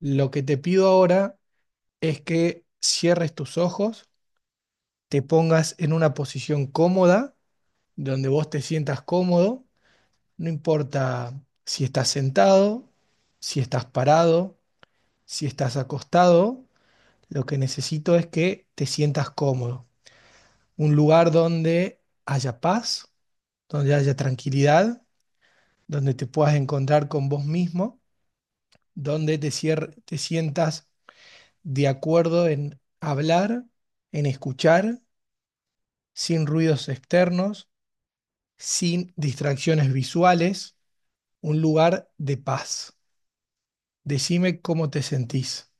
Lo que te pido ahora es que cierres tus ojos, te pongas en una posición cómoda, donde vos te sientas cómodo, no importa si estás sentado, si estás parado, si estás acostado, lo que necesito es que te sientas cómodo. Un lugar donde haya paz, donde haya tranquilidad, donde te puedas encontrar con vos mismo, donde te, te sientas de acuerdo en hablar, en escuchar, sin ruidos externos, sin distracciones visuales, un lugar de paz. Decime cómo te sentís.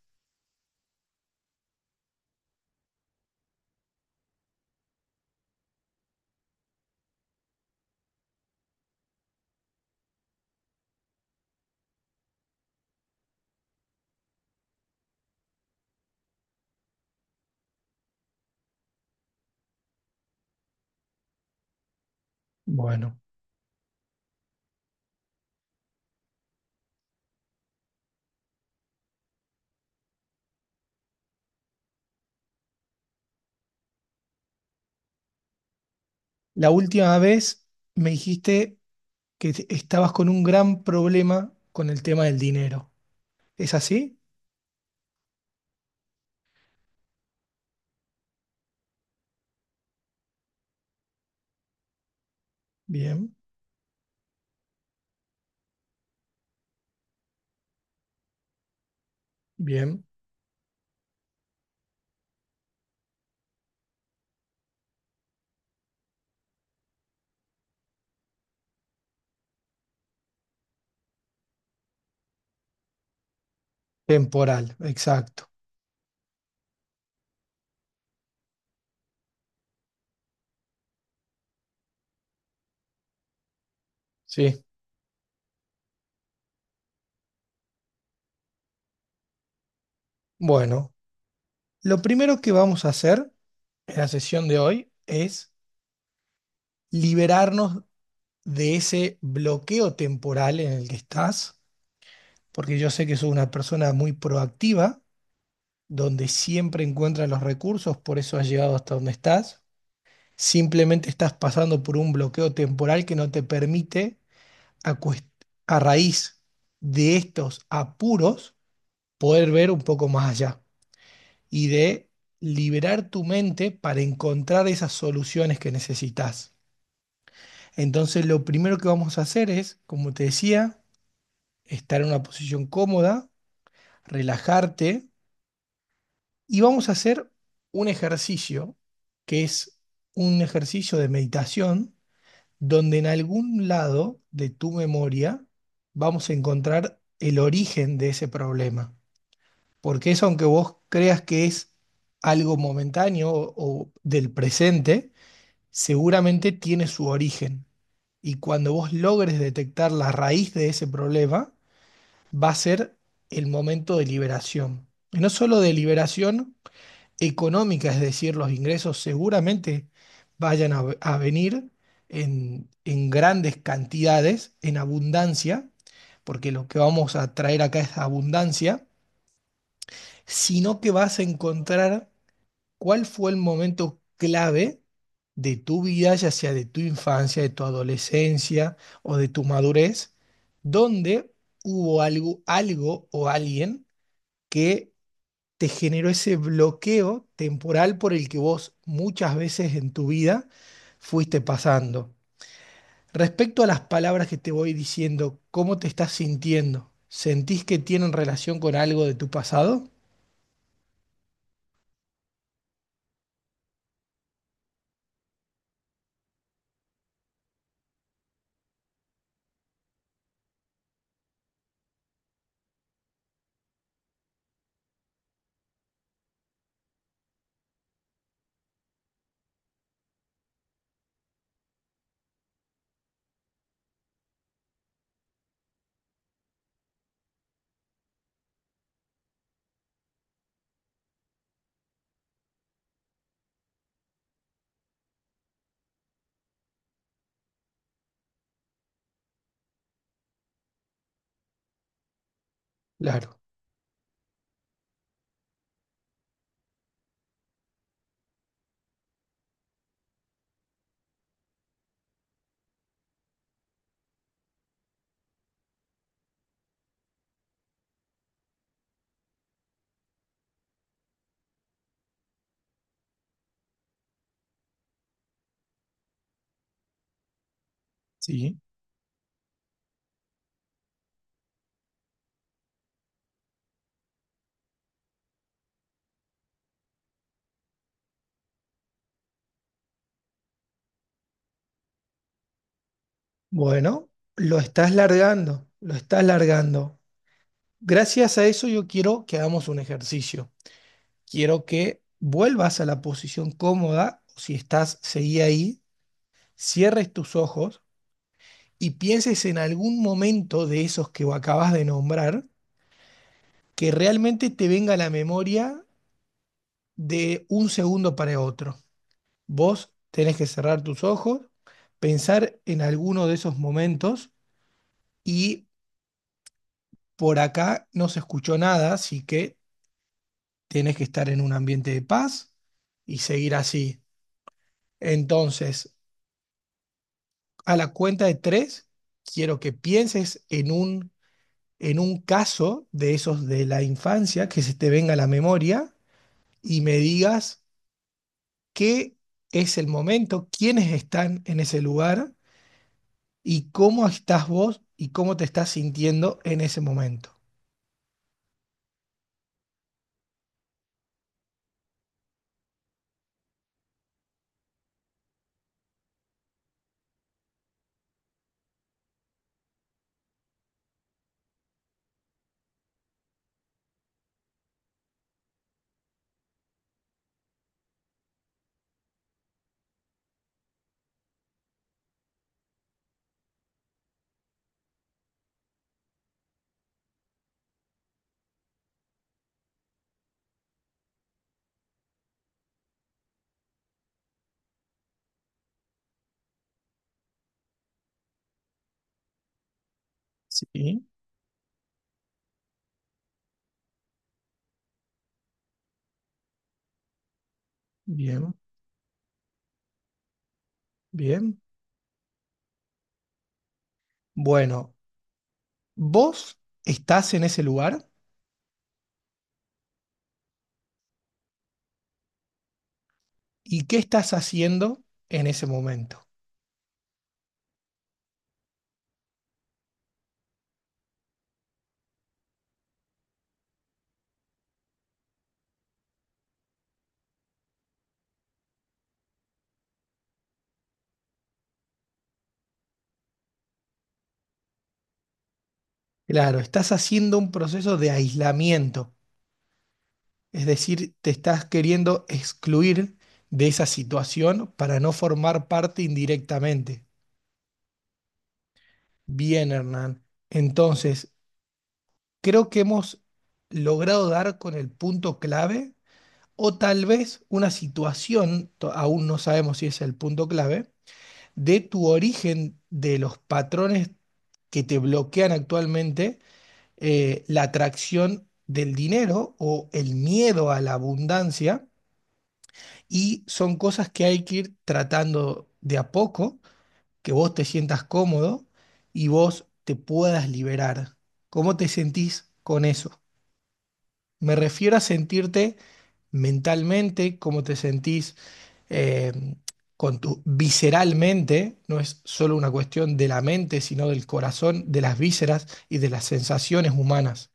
Bueno, la última vez me dijiste que estabas con un gran problema con el tema del dinero. ¿Es así? Bien, bien. Temporal, exacto. Sí. Bueno, lo primero que vamos a hacer en la sesión de hoy es liberarnos de ese bloqueo temporal en el que estás, porque yo sé que sos una persona muy proactiva, donde siempre encuentras los recursos, por eso has llegado hasta donde estás. Simplemente estás pasando por un bloqueo temporal que no te permite, a, a raíz de estos apuros, poder ver un poco más allá y de liberar tu mente para encontrar esas soluciones que necesitas. Entonces, lo primero que vamos a hacer es, como te decía, estar en una posición cómoda, relajarte y vamos a hacer un ejercicio que es un ejercicio de meditación donde en algún lado de tu memoria vamos a encontrar el origen de ese problema. Porque eso, aunque vos creas que es algo momentáneo o del presente, seguramente tiene su origen. Y cuando vos logres detectar la raíz de ese problema, va a ser el momento de liberación. Y no solo de liberación económica, es decir, los ingresos seguramente vayan a venir en grandes cantidades, en abundancia, porque lo que vamos a traer acá es abundancia, sino que vas a encontrar cuál fue el momento clave de tu vida, ya sea de tu infancia, de tu adolescencia o de tu madurez, donde hubo algo, algo o alguien que te generó ese bloqueo temporal por el que vos muchas veces en tu vida fuiste pasando. Respecto a las palabras que te voy diciendo, ¿cómo te estás sintiendo? ¿Sentís que tienen relación con algo de tu pasado? Claro. Sí. Bueno, lo estás largando, lo estás largando. Gracias a eso yo quiero que hagamos un ejercicio. Quiero que vuelvas a la posición cómoda, o si estás, seguí ahí, cierres tus ojos y pienses en algún momento de esos que acabas de nombrar, que realmente te venga a la memoria de un segundo para otro. Vos tenés que cerrar tus ojos, pensar en alguno de esos momentos y por acá no se escuchó nada, así que tenés que estar en un ambiente de paz y seguir así. Entonces, a la cuenta de tres, quiero que pienses en un caso de esos de la infancia que se te venga a la memoria y me digas qué es el momento, quiénes están en ese lugar y cómo estás vos y cómo te estás sintiendo en ese momento. Sí, bien, bien. Bueno, vos estás en ese lugar y qué estás haciendo en ese momento. Claro, estás haciendo un proceso de aislamiento, es decir, te estás queriendo excluir de esa situación para no formar parte indirectamente. Bien, Hernán. Entonces, creo que hemos logrado dar con el punto clave, o tal vez una situación, aún no sabemos si es el punto clave, de tu origen de los patrones que te bloquean actualmente la atracción del dinero o el miedo a la abundancia, y son cosas que hay que ir tratando de a poco, que vos te sientas cómodo y vos te puedas liberar. ¿Cómo te sentís con eso? Me refiero a sentirte mentalmente, cómo te sentís eh, con tu visceralmente, no es solo una cuestión de la mente, sino del corazón, de las vísceras y de las sensaciones humanas.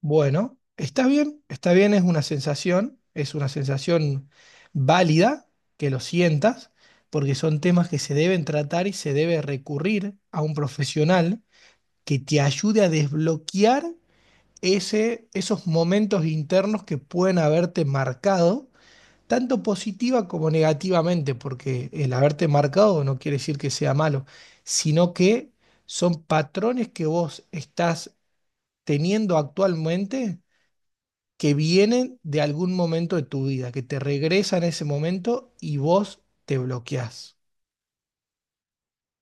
Bueno, está bien, es una sensación válida que lo sientas, porque son temas que se deben tratar y se debe recurrir a un profesional que te ayude a desbloquear ese, esos momentos internos que pueden haberte marcado, tanto positiva como negativamente, porque el haberte marcado no quiere decir que sea malo, sino que son patrones que vos estás teniendo actualmente que vienen de algún momento de tu vida, que te regresan ese momento y vos te bloqueás.